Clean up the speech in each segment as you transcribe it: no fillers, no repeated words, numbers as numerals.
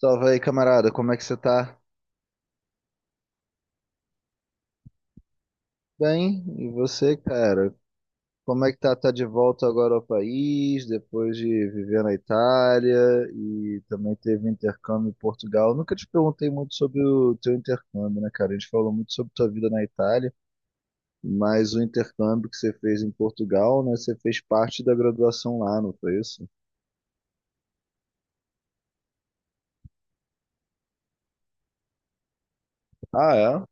Salve aí, camarada, como é que você tá? Bem, e você, cara? Como é que tá? Tá de volta agora ao país, depois de viver na Itália e também teve intercâmbio em Portugal. Nunca te perguntei muito sobre o teu intercâmbio, né, cara? A gente falou muito sobre tua vida na Itália, mas o intercâmbio que você fez em Portugal, né? Você fez parte da graduação lá, não foi isso? Ah, é?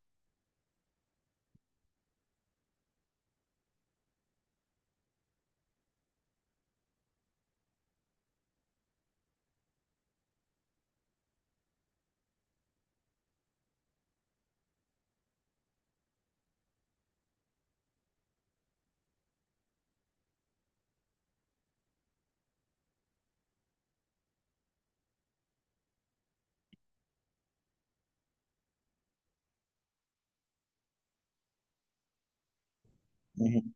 Uhum.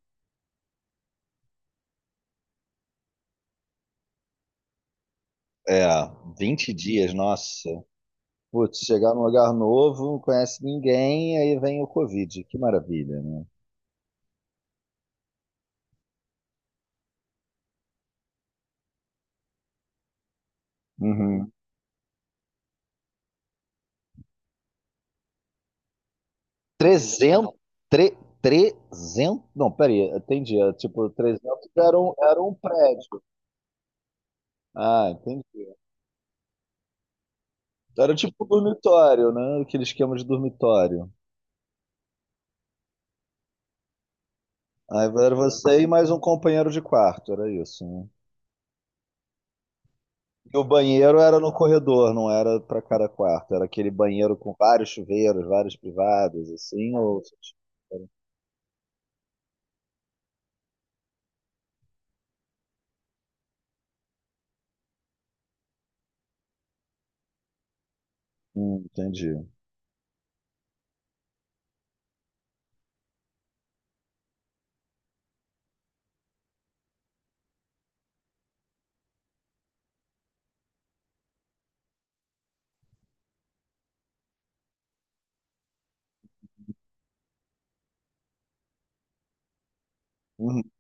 É, 20 dias, nossa. Putz, chegar num lugar novo, não conhece ninguém, aí vem o Covid. Que maravilha, né? Uhum. 300, 300? Não, peraí, entendi. É, tipo, 300 era um prédio. Ah, entendi. Era tipo um dormitório, né? Aquele esquema de dormitório. Aí era você e mais um companheiro de quarto, era isso, né? E o banheiro era no corredor, não era pra cada quarto. Era aquele banheiro com vários chuveiros, vários privados, assim, ou... entendi. Uhum.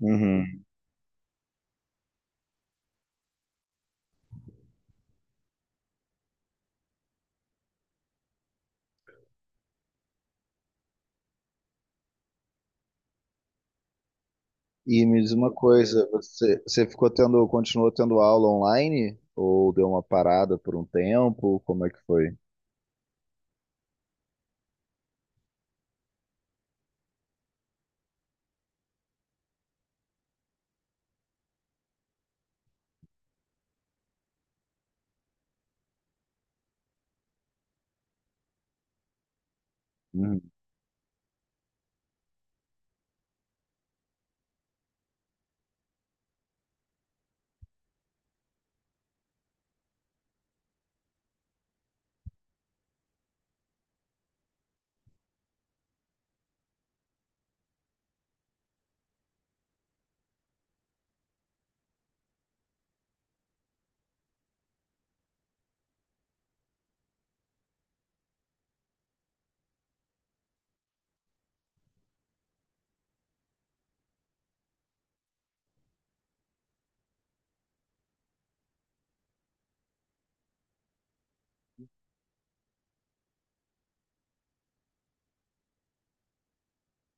Uhum. E me diz uma coisa, você ficou tendo, continuou tendo aula online ou deu uma parada por um tempo? Como é que foi? Uhum.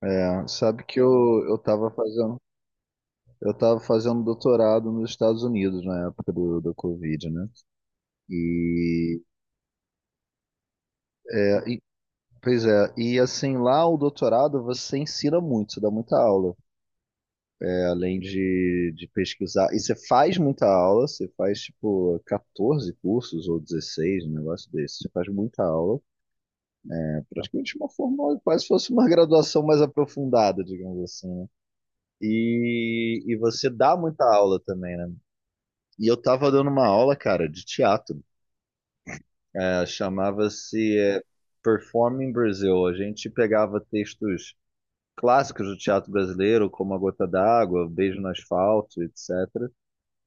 É, sabe que eu tava fazendo doutorado nos Estados Unidos na época do Covid, né? E, e- Pois é, e assim, lá o doutorado você ensina muito, você dá muita aula. É, além de pesquisar. E você faz muita aula, você faz tipo 14 cursos ou 16, um negócio desse, você faz muita aula. Praticamente uma formal, quase fosse uma graduação mais aprofundada, digamos assim, né? E você dá muita aula também, né? E eu tava dando uma aula, cara, de teatro. É, chamava-se Performing Brazil. A gente pegava textos clássicos do teatro brasileiro, como A Gota d'Água, Beijo no Asfalto, etc.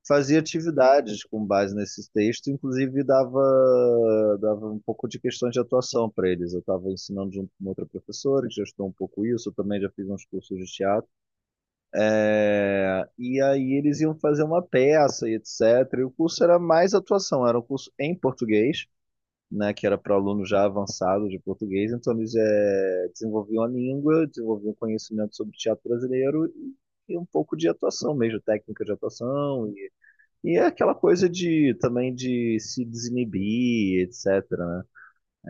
Fazia atividades com base nesses textos, inclusive dava um pouco de questões de atuação para eles. Eu estava ensinando junto com outra professora, que já estudou um pouco isso, eu também já fiz uns cursos de teatro. É, e aí eles iam fazer uma peça e etc. E o curso era mais atuação, era um curso em português. Né, que era para aluno já avançado de português, então eles desenvolviam a língua, desenvolviam conhecimento sobre teatro brasileiro e um pouco de atuação mesmo, técnica de atuação e é aquela coisa de também de se desinibir, etc., né?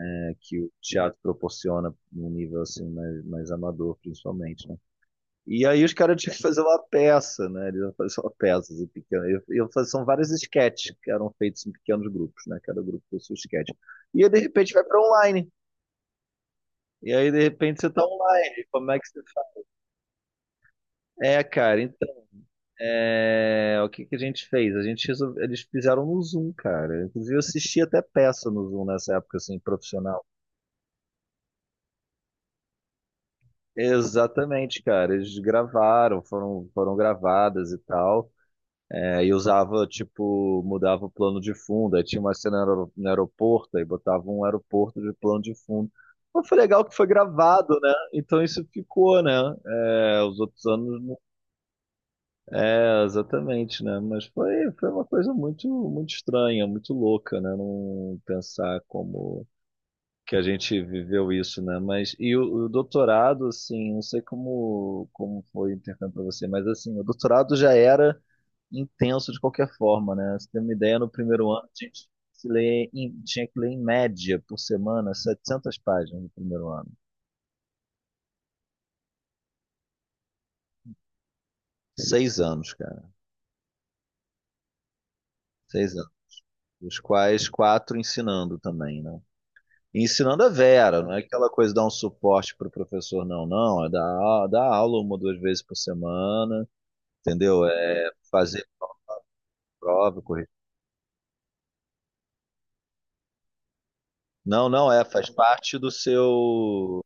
É que o teatro proporciona num nível assim mais amador, principalmente, né? E aí os caras tinham que fazer uma peça, né? Eles iam fazer uma peça assim, pequena. São vários sketches que eram feitos em pequenos grupos, né? Cada grupo fez seu sketch. E aí, de repente vai para online. E aí de repente você tá online. Como é que você... É, cara. É, o que que a gente fez? Eles fizeram no Zoom, cara. Inclusive, eu assisti até peça no Zoom nessa época, assim, profissional. Exatamente, cara. Eles gravaram, foram gravadas e tal. É, e usava, tipo, mudava o plano de fundo. Aí tinha uma cena no aeroporto, aí botava um aeroporto de plano de fundo. Mas foi legal que foi gravado, né? Então isso ficou, né? É, os outros anos. É, exatamente, né? Mas foi uma coisa muito, muito estranha, muito louca, né? Não pensar como que a gente viveu isso, né? Mas e o doutorado, assim, não sei como foi o intercâmbio para você, mas assim, o doutorado já era intenso de qualquer forma, né? Você tem uma ideia, no primeiro ano a gente se lê em- tinha que ler em média por semana 700 páginas no primeiro ano. Seis anos, cara, 6 anos, dos quais quatro ensinando também, né? E ensinando a Vera, não é aquela coisa de dar um suporte para o professor, não, não, é dar aula uma ou duas vezes por semana, entendeu? É fazer prova, corrigir. Não, não, é, faz parte do seu.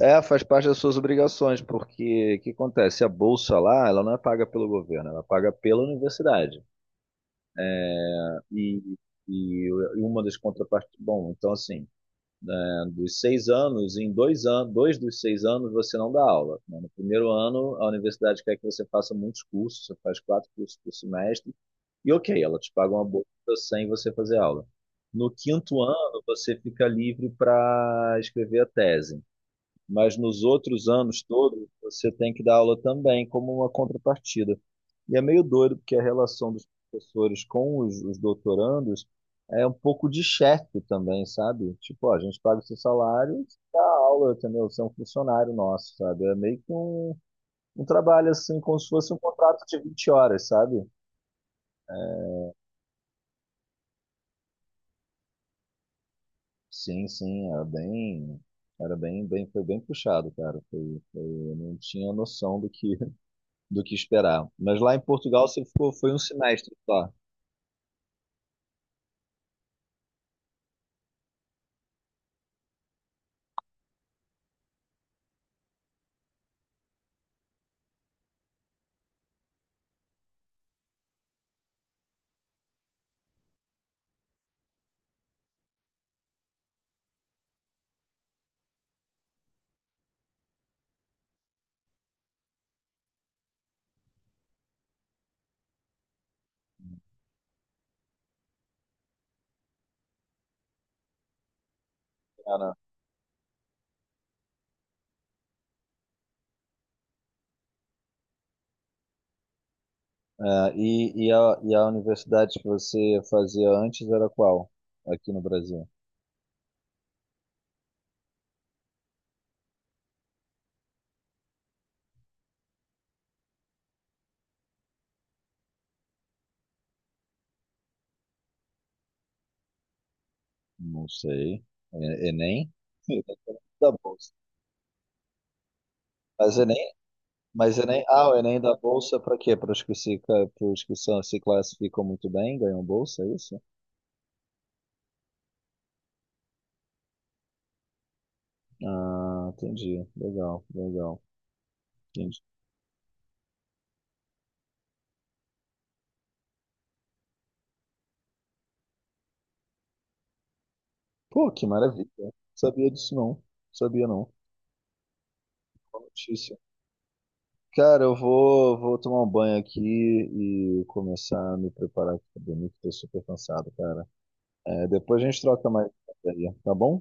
É, faz parte das suas obrigações, porque o que acontece? A bolsa lá, ela não é paga pelo governo, ela é paga pela universidade. E, e uma das contrapartes. Bom, então assim. Né, dos 6 anos, em 2 anos, dois dos 6 anos você não dá aula. Né? No primeiro ano, a universidade quer que você faça muitos cursos, você faz quatro cursos por semestre, e ok, ela te paga uma bolsa sem você fazer aula. No quinto ano, você fica livre para escrever a tese, mas nos outros anos todos você tem que dar aula também como uma contrapartida. E é meio doido porque a relação dos professores com os doutorandos é um pouco de chefe também, sabe? Tipo, ó, a gente paga o seu salário e você dá aula, entendeu? Você é um funcionário nosso, sabe? É meio que um, trabalho assim, como se fosse um contrato de 20 horas, sabe? Sim, sim, era bem, foi bem puxado, cara. Foi, eu não tinha noção do que esperar. Mas lá em Portugal você ficou, foi um semestre só. Era, e a universidade que você fazia antes era qual? Aqui no Brasil? Não sei. Enem? Sim, da bolsa. Mas Enem, mas Enem, ah, o Enem da bolsa para quê? Para os que são, se classificam muito bem, ganham bolsa, é isso? Ah, entendi. Legal, legal. Entendi. Pô, que maravilha. Sabia disso não. Sabia não. Notícia. Cara, eu vou tomar um banho aqui e começar a me preparar aqui pra dormir, que tô super cansado, cara. É, depois a gente troca mais ideia, tá bom?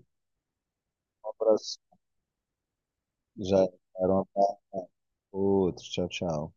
Um abraço. Já era um abraço. Outro. Tchau, tchau.